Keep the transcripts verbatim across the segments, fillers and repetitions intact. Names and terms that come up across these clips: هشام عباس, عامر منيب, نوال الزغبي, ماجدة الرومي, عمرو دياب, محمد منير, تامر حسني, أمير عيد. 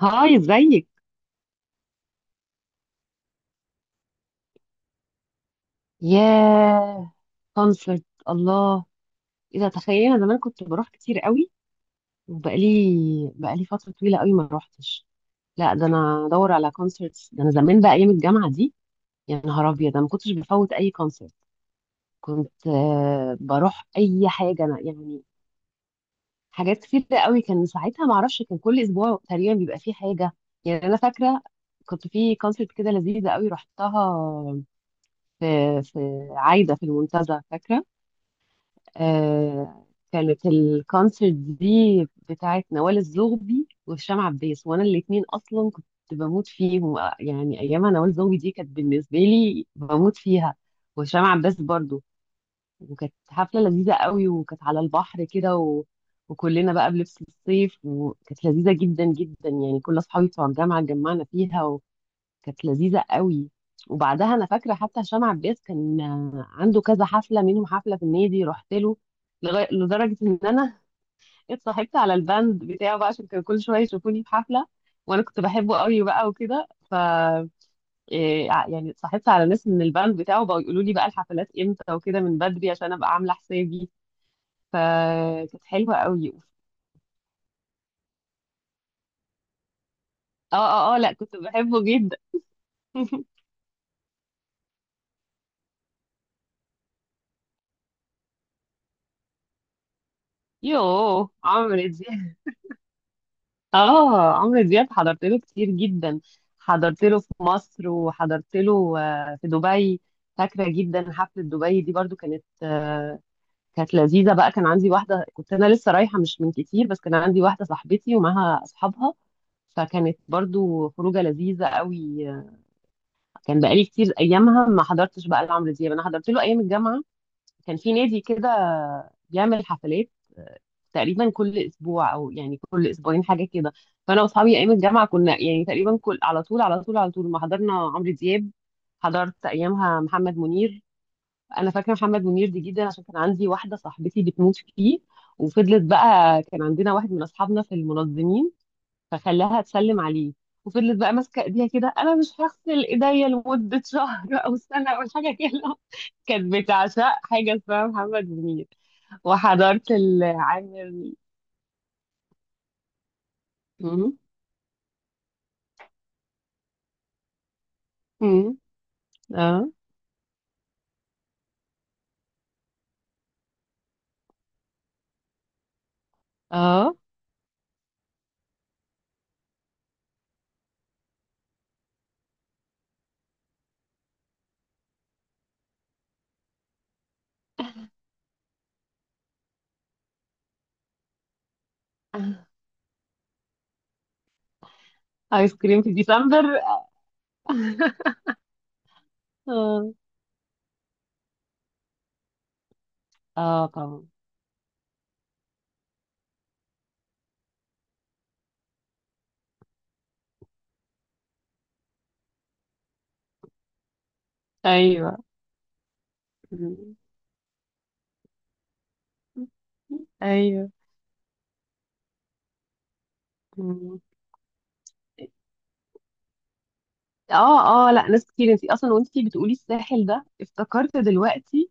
هاي، ازيك. ياه. كونسرت. الله. اذا تخيلنا زمان كنت بروح كتير قوي، وبقالي بقالي فتره طويله قوي ما روحتش. لا، ده انا ادور على كونسرتس، ده انا زمان بقى ايام الجامعه دي. يا نهار ابيض، ده ما كنتش بفوت اي كونسرت. كنت آه، بروح اي حاجه انا يعني. حاجات كتير قوي كان ساعتها، ما اعرفش، كان كل اسبوع تقريبا بيبقى فيه حاجه. يعني انا فاكره كنت في كونسرت كده لذيذه قوي رحتها في في عايده في المنتزه فاكره. آه. كانت الكونسرت دي بتاعت نوال الزغبي وهشام عباس، وانا الاتنين اصلا كنت بموت فيهم. آه، يعني ايامها نوال الزغبي دي كانت بالنسبه لي بموت فيها، وهشام عباس برضو. وكانت حفله لذيذه قوي، وكانت على البحر كده و... وكلنا بقى بلبس الصيف، وكانت لذيذه جدا جدا، يعني كل اصحابي بتوع الجامعه اتجمعنا فيها. كانت لذيذة قوي. وبعدها أنا فاكرة حتى هشام عباس كان آه، عنده كذا حفلة، منهم حفلة في النادي رحت له. لغاية لدرجة إن أنا اتصاحبت على الباند بتاعه بقى عشان كان كل شوية يشوفوني في حفلة. وأنا كنت بحبه قوي بقى وكده. ف إيه، ع- يعني اتصاحبت على ناس من الباند بتاعه بقوا يقولوا لي بقى الحفلات إمتى وكده من بدري عشان أبقى عاملة حسابي. فكانت حلوة قوي. اه، اه، اه، لا كنت بحبه جدا. يوه، عمرو دي اه عمرو دياب حضرت له كتير جدا. حضرت له في مصر، وحضرت له آه، في دبي. فاكره جدا حفله دبي دي برضو، كانت آه، كانت لذيذه بقى. كان عندي واحده، كنت انا لسه رايحه مش من كتير، بس كان عندي واحده صاحبتي ومعاها اصحابها، فكانت برضو خروجه لذيذه قوي. كان بقالي كتير ايامها ما حضرتش بقى لعمرو دياب. انا حضرت له ايام الجامعه، كان في نادي كده بيعمل حفلات تقريبا كل اسبوع او يعني كل اسبوعين حاجه كده. فانا واصحابي ايام الجامعه كنا يعني تقريبا كل على طول على طول على طول ما حضرنا عمرو دياب. حضرت ايامها محمد منير. انا فاكره محمد منير دي جدا عشان كان عندي واحده صاحبتي بتموت فيه. وفضلت بقى، كان عندنا واحد من اصحابنا في المنظمين فخلاها تسلم عليه. وفضلت بقى ماسكه ايديها كده، انا مش هغسل ايديا لمده شهر او سنه او حاجه كده. كانت بتعشق حاجه اسمها محمد منير. وحضرت العامر. مم. مم. اه. اه، ايس كريم في ديسمبر. اه. اه، طبعا. ايوه. مم. ايوه. مم. اه، اه، لا، ناس كتير. انتي اصلا وانتي بتقولي الساحل ده، افتكرت دلوقتي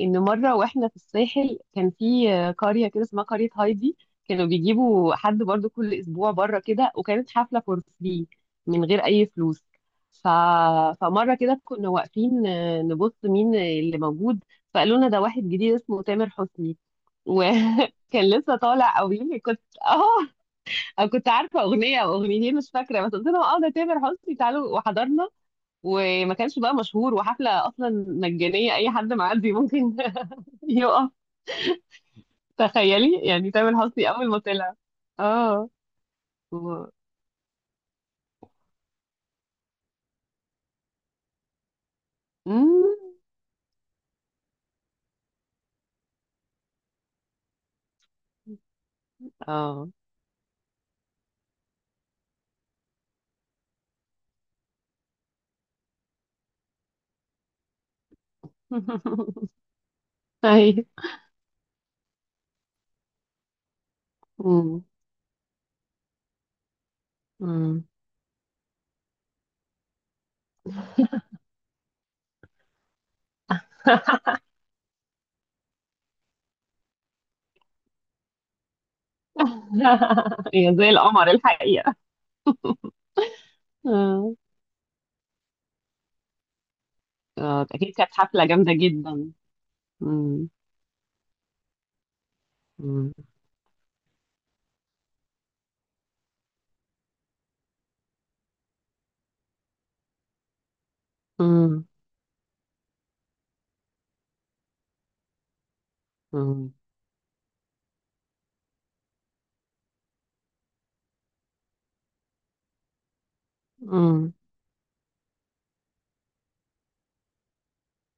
ان مره واحنا في الساحل كان في آه، قريه كده اسمها قريه هايدي. كانوا بيجيبوا حد برضو كل اسبوع بره كده، وكانت حفله فور فري، من غير اي فلوس. ف... فمره كده كنا واقفين آه، نبص مين اللي موجود. فقالوا لنا ده واحد جديد اسمه تامر حسني. وكان لسه طالع او يمكن كنت اه، أو كنت عارفه اغنيه او اغنيتين مش فاكره. بس قلت لهم اه، ده تامر حسني، تعالوا، وحضرنا. وما كانش بقى مشهور، وحفله اصلا مجانيه اي حد معدي ممكن يقف. تخيلي يعني تامر حسني اول ما طلع. اه. و- مم. اه. اي. مم. مم. هي زي القمر الحقيقة. اه. آه، اكيد كانت حفلة جامدة جدا. مم. مم. مم. مم. مم.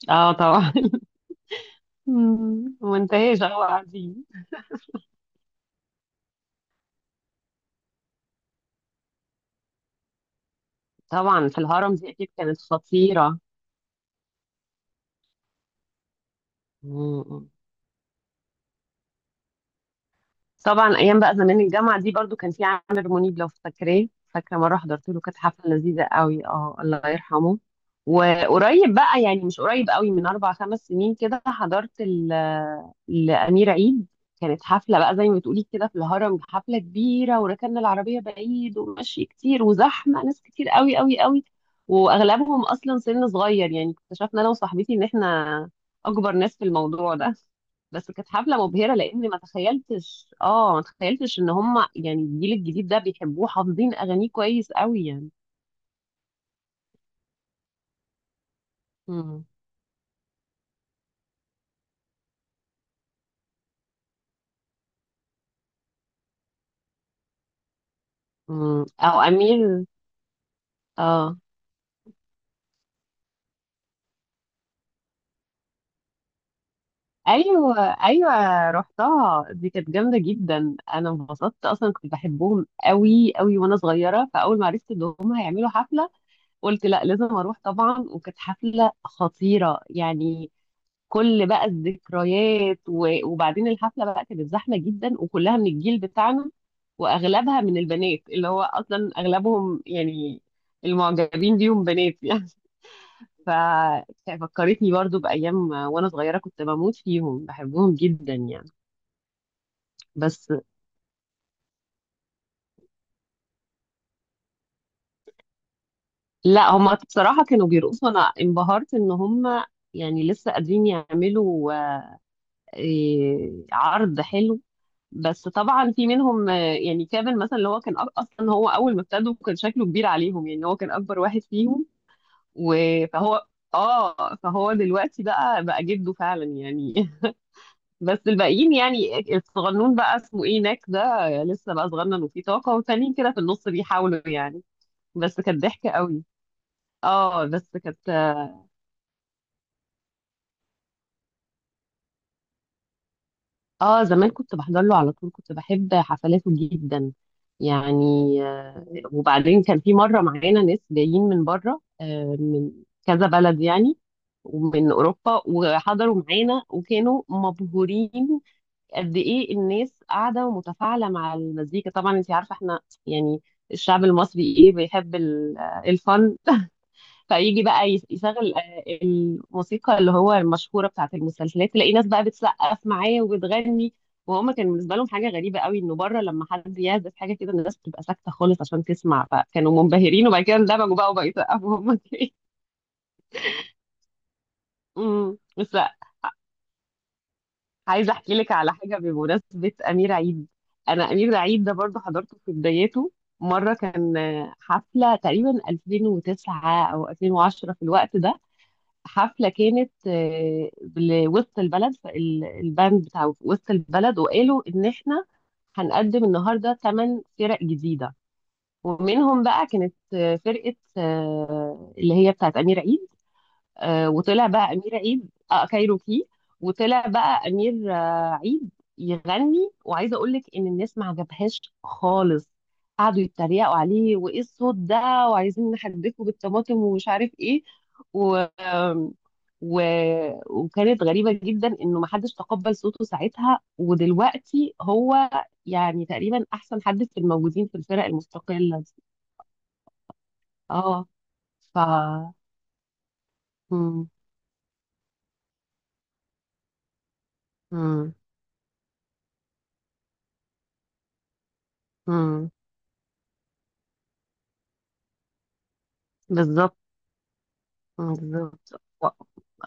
اه، طبعا. مم. وانتهي جو قاعدين. طبعا في الهرم دي اكيد كانت خطيرة. مم. طبعا ايام بقى زمان الجامعه دي برضو كان في عامر منيب، لو فاكراه، فاكره مره حضرت له كانت حفله لذيذه قوي. اه، الله يرحمه. وقريب بقى يعني مش قريب قوي، من اربع خمس سنين كده، حضرت ال- الامير عيد. كانت حفله بقى زي ما بتقولي كده في الهرم، حفله كبيره وركننا العربيه بعيد ومشي كتير وزحمه، ناس كتير قوي قوي قوي. واغلبهم اصلا سن صغير، يعني اكتشفنا انا وصاحبتي ان احنا اكبر ناس في الموضوع ده. بس كانت حفلة مبهرة لأني ما تخيلتش. اه، ما تخيلتش إن هم يعني الجيل الجديد ده بيحبوه، حافظين أغانيه كويس قوي يعني. مم. مم. أو أمير. اه. أيوه، أيوه، رحتها دي، كانت جامدة جدا. أنا انبسطت، أصلا كنت بحبهم قوي قوي وأنا صغيرة، فأول ما عرفت إن هم هيعملوا حفلة قلت لا، لازم أروح طبعا، وكانت حفلة خطيرة يعني. كل بقى الذكريات. و- وبعدين الحفله بقى كانت زحمه جدا وكلها من الجيل بتاعنا. واغلبها من البنات، اللي هو اصلا اغلبهم يعني المعجبين بيهم بنات يعني. ف- ففكرتني برضو بايام وانا صغيره كنت بموت فيهم بحبهم جدا يعني. بس لا، هما بصراحه كانوا بيرقصوا، انا انبهرت ان هما يعني لسه قادرين يعملوا آه، عرض حلو. بس طبعا في منهم آه، يعني كيفن مثلا، اللي هو كان أ- اصلا هو اول ما ابتدوا كان شكله كبير عليهم، يعني هو كان اكبر واحد فيهم. و- فهو. اه فهو دلوقتي بقى بقى جده فعلا يعني. بس الباقيين يعني الصغنون بقى اسمه ايه، ناك ده آه، لسه بقى صغنن وفيه طاقة، والتانيين كده في النص بيحاولوا يعني. بس كانت ضحكة قوي. اه، بس كانت. اه، زمان كنت بحضر له على طول، كنت بحب حفلاته جدا يعني. آه، وبعدين كان في مرة معانا ناس جايين من بره، آه، من كذا بلد يعني، ومن أوروبا، وحضروا معانا وكانوا مبهورين قد إيه الناس قاعدة ومتفاعلة مع المزيكا. طبعا أنت عارفة احنا يعني الشعب المصري إيه، بيحب ال- آه، الفن. فيجي بقى يس- يشغل آه، الموسيقى اللي هو المشهوره بتاعت المسلسلات، تلاقي ناس بقى بتسقف معاه وبتغني. وهما كان بالنسبه لهم حاجه غريبه قوي انه بره لما حد يعزف حاجه كده الناس بتبقى ساكته خالص عشان تسمع، فكانوا منبهرين وبعد كده اندمجوا بقى وبقوا يسقفوا هما كمان. أمم. بس لا، عايزه احكي لك على حاجه بمناسبه امير عيد. انا امير عيد ده برضه حضرته في بدايته. مره كان آه، حفله تقريبا ألفين وتسعة او ألفين وعشرة في الوقت ده. حفلة كانت آه، لوسط البلد، فالباند بتاع وسط البلد وقالوا إن إحنا هنقدم النهاردة ثمان فرق جديدة. ومنهم بقى كانت آه، فرقة آه، اللي هي بتاعت أمير عيد. آه، وطلع بقى أمير عيد آه، كايروكي. وطلع بقى أمير آه، عيد يغني. وعايزة أقول لك إن الناس ما عجبهاش خالص، قعدوا يتريقوا عليه وإيه الصوت ده، وعايزين نحدفه بالطماطم ومش عارف إيه. و... وكانت غريبة جدا انه محدش تقبل صوته ساعتها، ودلوقتي هو يعني تقريبا احسن حد في الموجودين في الفرق المستقلة دي. اه. ف مم. مم. مم. بالظبط. مم. بالظبط. و-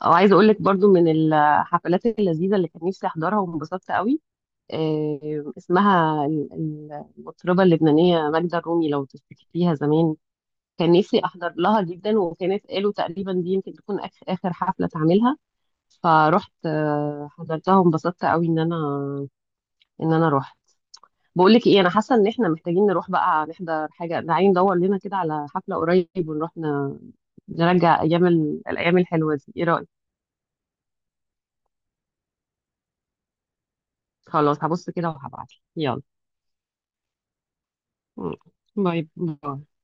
وعايزة اقول لك برضو من الحفلات اللذيذة اللي كان نفسي احضرها وانبسطت قوي. آه، اسمها ال- ال- المطربة اللبنانية ماجدة الرومي، لو تفتكريها زمان. كان نفسي احضر لها جدا، وكانت قالوا تقريبا دي يمكن تكون آخ- اخر حفله تعملها. فروحت آه، حضرتها وانبسطت قوي ان انا. ان انا رحت. بقول لك ايه، انا حاسه ان احنا محتاجين نروح بقى نحضر حاجه، تعالي ندور لنا كده على حفله قريب ونروح ن- نرجع ايام ال- الايام الحلوه دي، ايه رايك؟ خلاص، هبص كده وهبعت. يلا. م. باي باي.